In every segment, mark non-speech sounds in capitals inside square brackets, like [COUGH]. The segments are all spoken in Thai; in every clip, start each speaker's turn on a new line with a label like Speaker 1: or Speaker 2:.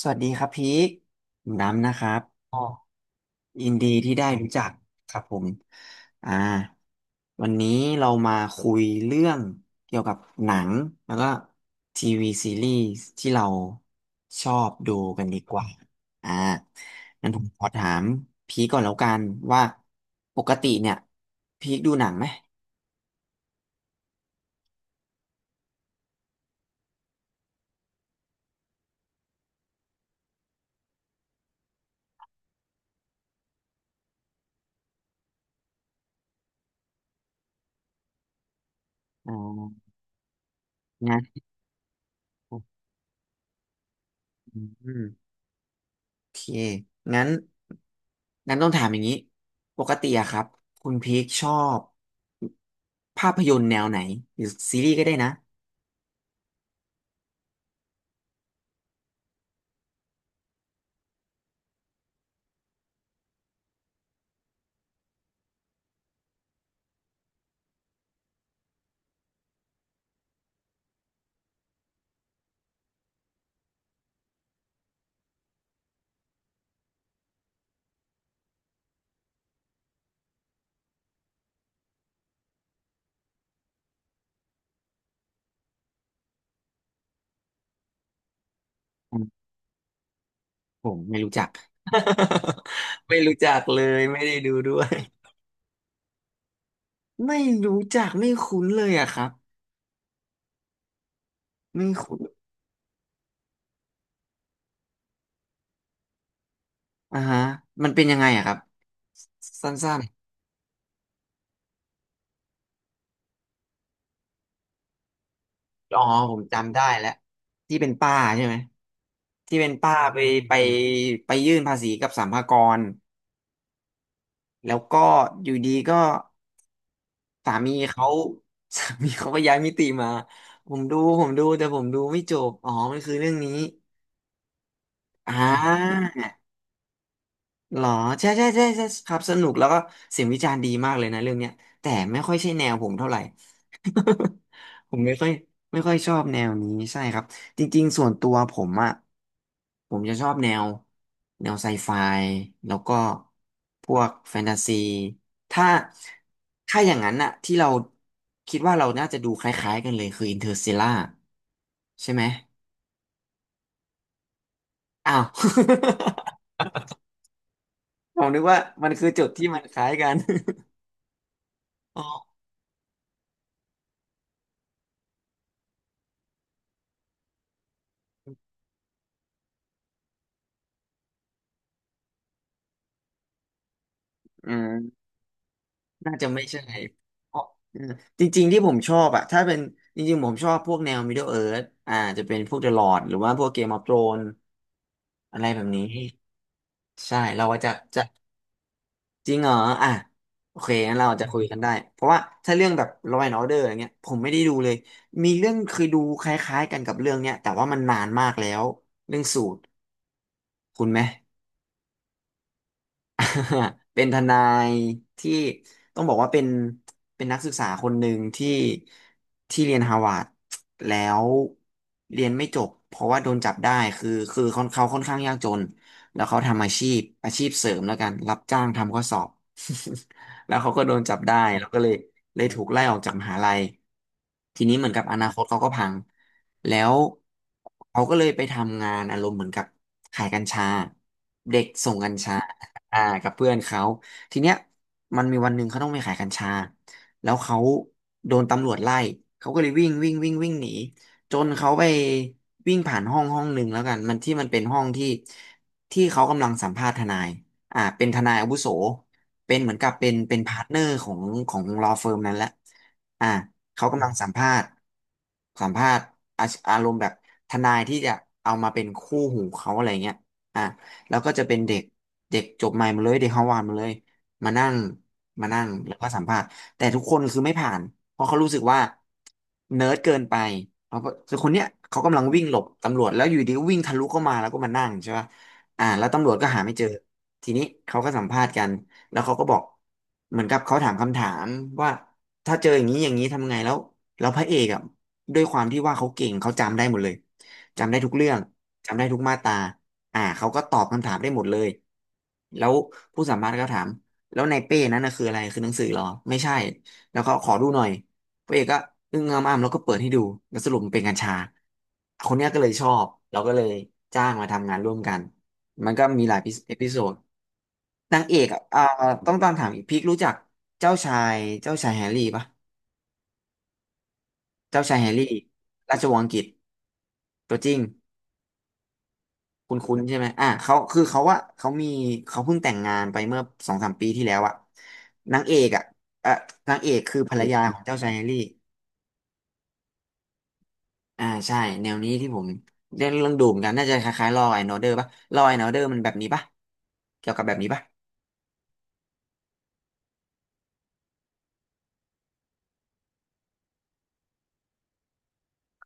Speaker 1: สวัสดีครับพีคผมด้ำนะครับอ๋อยินดีที่ได้รู้จักครับผมอ่าวันนี้เรามาคุยเรื่องเกี่ยวกับหนังแล้วก็ทีวีซีรีส์ที่เราชอบดูกันดีกว่าอ่างั้นผมขอถามพีคก่อนแล้วกันว่าปกติเนี่ยพีคดูหนังไหมอ่านะม โอเค งั้น งั้นต้องถามอย่างนี้ ปกติอะครับคุณพีคชอบภาพยนตร์แนวไหนหรือซีรีส์ก็ได้นะอืมผมไม่รู้จัก [LAUGHS] ไม่รู้จักเลยไม่ได้ดูด้วย ไม่รู้จักไม่คุ้นเลยอะครับไม่คุ้นอ่าฮะมันเป็นยังไงอะครับสั้นๆอ๋อผมจำได้แล้วที่เป็นป้าใช่ไหมที่เป็นป้าไปไปไปยื่นภาษีกับสรรพากรแล้วก็อยู่ดีก็ สามีเขา [LAUGHS] สามีเขาก็ย้ายมิติมาผมดูแต่ผมดูไม่จบอ๋อมันคือเรื่องนี้อ่า หรอใช่ใช่ใช่ใช่ครับสนุกแล้วก็เสียงวิจารณ์ดีมากเลยนะเรื่องเนี้ยแต่ไม่ค่อยใช่แนวผมเท่าไหร่ [LAUGHS] ผมไม่ค่อยชอบแนวนี้ใช่ครับจริงๆส่วนตัวผมอ่ะผมจะชอบแนวไซไฟแล้วก็พวกแฟนตาซีถ้าถ้าอย่างนั้นอ่ะที่เราคิดว่าเราน่าจะดูคล้ายๆกันเลยคืออินเ r อร์ส l ต r ล่าใช่ไหมอ้าว [LAUGHS] ผมนึกว่ามันคือจุดที่มันคล้ายกัน [LAUGHS] อ๋ออืม น่าจะไม่ใช่เพราะเออจริงๆที่ผมชอบอะถ้าเป็นจริงๆผมชอบพวกแนว Middle Earth อ่าจะเป็นพวก The Lord หรือว่าพวก Game of Thrones อะไรแบบนี้ใช่เราจะจริงเหรออ่ะโอเคงั้นเราจะคุยกันได้เพราะว่าถ้าเรื่องแบบ Law and Order อย่างเงี้ยผมไม่ได้ดูเลยมีเรื่องเคยดูคล้ายๆกันกับเรื่องเนี้ยแต่ว่ามันนานมากแล้วเรื่องสูตรคุณไหม [LAUGHS] เป็นทนายที่ต้องบอกว่าเป็นนักศึกษาคนหนึ่งที่เรียนฮาวาดแล้วเรียนไม่จบเพราะว่าโดนจับได้คือเขาค่อนข้างยากจนแล้วเขาทำอาชีพเสริมแล้วกันรับจ้างทำข้อสอบ [LAUGHS] แล้วเขาก็โดนจับได้แล้วก็เลยถูกไล่ออกจากมหาลัยทีนี้เหมือนกับอนาคตเขาก็พังแล้วเขาก็เลยไปทำงานอารมณ์เหมือนกับขายกัญชาเด็กส่งกัญชา อ่ากับเพื่อนเขาทีเนี้ยมันมีวันหนึ่งเขาต้องไปขายกัญชาแล้วเขาโดนตำรวจไล่เขาก็เลยวิ่งวิ่งวิ่งวิ่งหนีจนเขาไปวิ่งผ่านห้องห้องหนึ่งแล้วกันมันที่มันเป็นห้องที่เขากำลังสัมภาษณ์ทนายอ่าเป็นทนายอาวุโสเป็นเหมือนกับเป็นพาร์ทเนอร์ของของลอเฟิร์มนั้นแหละอ่าเขากำลังสัมภาษณ์อาอารมณ์แบบทนายที่จะเอามาเป็นคู่หูเขาอะไรเงี้ยอ่ะ แล้วก็จะเป็นเด็กเด็กจบใหม่มาเลยเด็กฮาวาดมาเลยมานั่งมานั่งแล้วก็สัมภาษณ์แต่ทุกคนคือไม่ผ่านเพราะเขารู้สึกว่าเนิร์ดเกินไปเขาก็คือคนเนี้ยเขากำลังวิ่งหลบตำรวจแล้วอยู่ดีก็วิ่งทะลุเข้ามาแล้วก็มานั่งใช่ป่ะอ่าแล้วตำรวจก็หาไม่เจอทีนี้เขาก็สัมภาษณ์กันแล้วเขาก็บอกเหมือนกับเขาถามคำถามว่าถ้าเจออย่างนี้อย่างนี้ทำไงแล้วแล้วพระเอกอ่ะด้วยความที่ว่าเขาเก่งเขาจำได้หมดเลยจำได้ทุกเรื่องจำได้ทุกมาตรา อ่าเขาก็ตอบคำถามได้หมดเลยแล้วผู้สัมภาษณ์ก็ถามแล้วในเป้นั้นนะคืออะไรคือหนังสือเหรอไม่ใช่แล้วก็ขอดูหน่อยพระเอกก็อึ้งงำอ้ำแล้วก็เปิดให้ดูแล้วสรุปมันเป็นกัญชาคนเนี้ยก็เลยชอบเราก็เลยจ้างมาทำงานร่วมกันมันก็มีหลายเอพิโซดนางเอกอ่ะอ่าต้องตามถามอีกพีครู้จักเจ้าชายแฮร์รี่ปะเจ้าชายแฮร์รี่ราชวงศ์อังกฤษตัวจริง คุณใช่ไหมอ่ะเขาคือเขาว่าเขามีเขาเพิ่งแต่งงานไปเมื่อสองสามปีที่แล้วอะนางเอกอะเอ่อนางเอกคือภรรยาของเจ้าชายแฮร์รี่อ่าใช่ แนวนี้ที่ผมเรื่องดูเหมอนกัน น่าจะคล้ายๆลอว์แอนด์อเดอร์ป่ะลอว์แอนด์อเดอร์มันแบบนี้ป่ะเกี่ยวกับแบบนี้ป่ะ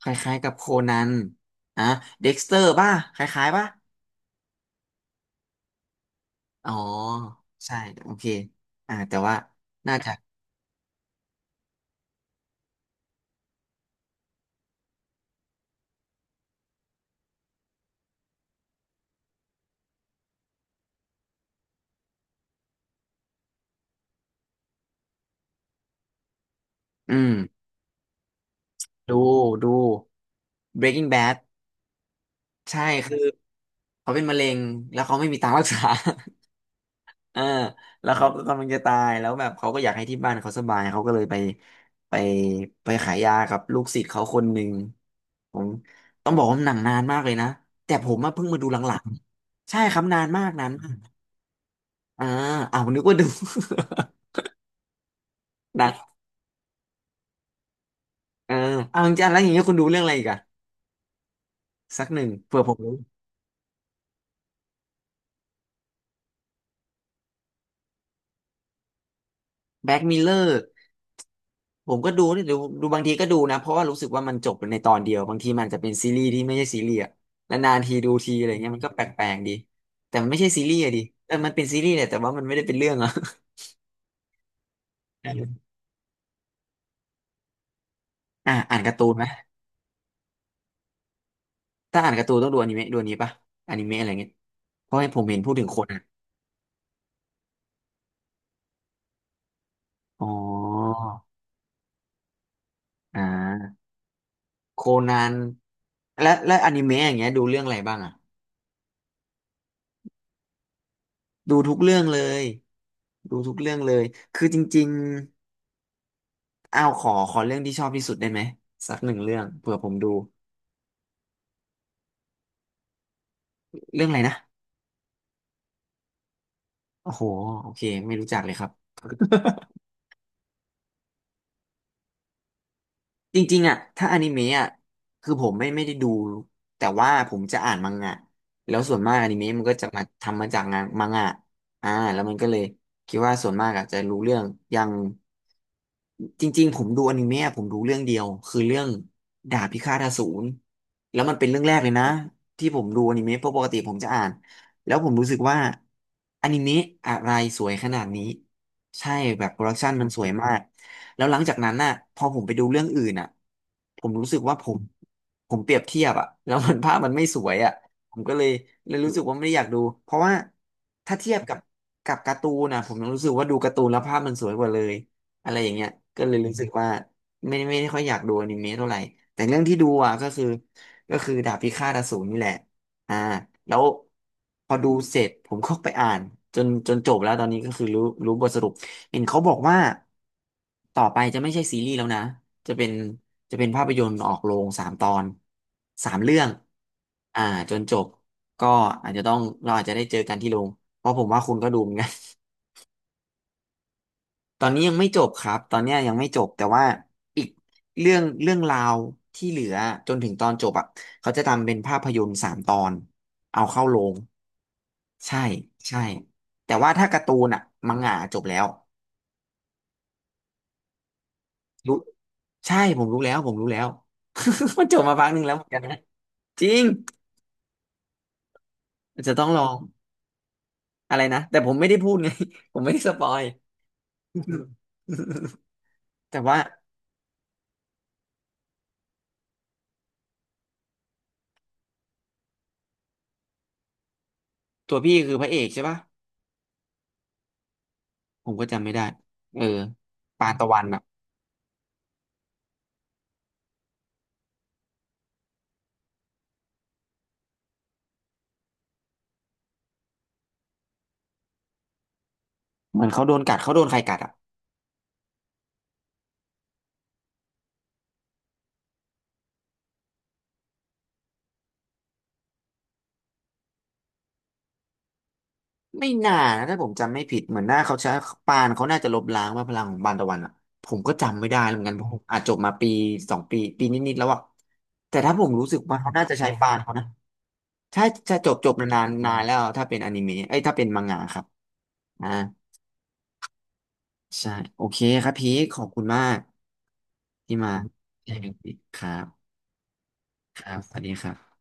Speaker 1: คล้ายๆกับโคนันอ่ะเด็กสเตอร์ป่ะ คล้ายๆป่ะ อ๋อ ใช่ โอเคอ่าแต่ว่า น่าจะอืมดู ดู Breaking Bad ใช่ คือ เขาเป็นมะเร็งแล้วเขาไม่มีตังค์รักษา [LAUGHS] เออแล้วเขาก็กำลังจะตายแล้วแบบเขาก็อยากให้ที่บ้านเขาสบายเขาก็เลยไปไปขายยากับลูกศิษย์เขาคนหนึ่งผมต้องบอกว่าหนังนานมากเลยนะแต่ผมเพิ่งมาดูหลังๆใช่ครับนานมากนานมากอ่าเอาวนึกว่าดู [LAUGHS] หนังเออเอาจริงๆแล้วอย่างเงี้ยคุณดูเรื่องอะไรอีกอะสักหนึ่งเผื่อผมรู้แบ็กมิเลอร์ ผมก็ดูนี่ดูบางทีก็ดูนะเพราะว่ารู้สึกว่ามันจบในตอนเดียวบางทีมันอาจจะเป็นซีรีส์ที่ไม่ใช่ซีรีส์อะแล้วนานทีดูทีอะไรเงี้ยมันก็แปลกๆดีแต่มันไม่ใช่ซีรีส์อะดิเออมันเป็นซีรีส์แหละแต่ว่ามันไม่ได้เป็นเรื่องอะ [LAUGHS] อืมอ่าอ่านการ์ตูนไหมถ้าอ่านการ์ตูนต้องดูอนิเมะดูอันนี้ปะอนิเมะอะไรเงี้ยเพราะให้ผมเห็นพูดถึงคนอ่ะอ๋ออ่าโคนันและอนิเมะอย่างเงี้ยดูเรื่องอะไรบ้างอะดูทุกเรื่องเลยดูทุกเรื่องเลยคือจริง อ้าวขอเรื่องที่ชอบที่สุดได้ไหมสักหนึ่งเรื่องเผื่อผมดูเรื่องอะไรนะโอ้โหโอเคไม่รู้จักเลยครับ จริงๆอ่ะถ้าอนิเมะอ่ะคือผมไม่ได้ดูแต่ว่าผมจะอ่านมังงะแล้วส่วนมากอนิเมะมันก็จะมาทำมาจากงานมังงะอ่าแล้วมันก็เลยคิดว่าส่วนมากอ่ะจะรู้เรื่องอย่างจริงๆผมดูอนิเมะผมดูเรื่องเดียวคือเรื่องดาบพิฆาตอสูรแล้วมันเป็นเรื่องแรกเลยนะที่ผมดูอนิเมะเพราะปกติผมจะอ่านแล้วผมรู้สึกว่าอนิเมะอะไรสวยขนาดนี้ใช่แบบโปรดักชันมันสวยมาก แล้วหลังจากนั้นน่ะพอผมไปดูเรื่องอื่นน่ะผมรู้สึกว่าผมเปรียบเทียบอะแล้ว [LAUGHS] มันภาพมันไม่สวยอะผมก็เลยรู้สึกว่าไม่ได้อยากดูเพราะว่าถ้าเทียบกับการ์ตูนนะผมรู้สึกว่าดูการ์ตูนแล้วภาพมันสวยกว่าเลยอะไรอย่างเงี้ยก็เลยรู้สึกว่าไม่ได้ค่อยอยากดูอนิเมะเท่าไหร่แต่เรื่องที่ดูอ่ะก็คือดาบพิฆาตอสูรนี่แหละอ่าแล้วพอดูเสร็จผมก็ไปอ่านจนจบแล้วตอนนี้ก็คือรู้บทสรุป เห็นเขาบอกว่าต่อไปจะไม่ใช่ซีรีส์แล้วนะจะเป็นจะเป็นภาพยนตร์ออกโรงสามตอนสามเรื่องอ่าจนจบก็อาจจะต้องเราอาจจะได้เจอกันที่โรงเพราะผมว่าคุณก็ดูเหมือนกัน [LAUGHS] ตอนนี้ยังไม่จบครับตอนเนี้ยยังไม่จบแต่ว่าอีกเรื่องราวที่เหลือจนถึงตอนจบอ่ะเขาจะทำเป็นภาพยนตร์สามตอนเอาเข้าโรงใช่ใช่แต่ว่าถ้าการ์ตูนอ่ะมังงะจบแล้ว ใช่ผมรู้แล้ว [LAUGHS] มันจบมาพักหนึ่งแล้วเหมือนกันนะจริงอาจจะต้องลองอะไรนะแต่ผมไม่ได้พูดไง [LAUGHS] ผมไม่ได้สปอย [LAUGHS] แต่ว่าตัวพี่คือพระเอกใช่ปะผมก็จำไม่ได้เออปานตะวันอ่ะเหมือนเขาโดนกัดเขาโดนใครกัดอ่ะไม่น่านะถ้าผมจำไม่ผิดเหมือนหน้าเขาใช้ปานเขาน่าจะลบล้างว่าพลังของปานตะวันอ่ะผมก็จำไม่ได้เหมือนกันผมอาจจบมาปีสองปีนิดๆแล้วอ่ะแต่ถ้าผมรู้สึกว่าเขาน่าจะใช้ปานเขานะ ถ้าจะจบนานๆนานแล้วถ้าเป็นอนิเมะเอ้ยถ้าเป็นมังงะครับอ่าใช่โอเคครับพีคขอบคุณมากที่มาแชร์กันครับครับสวัสดีครับ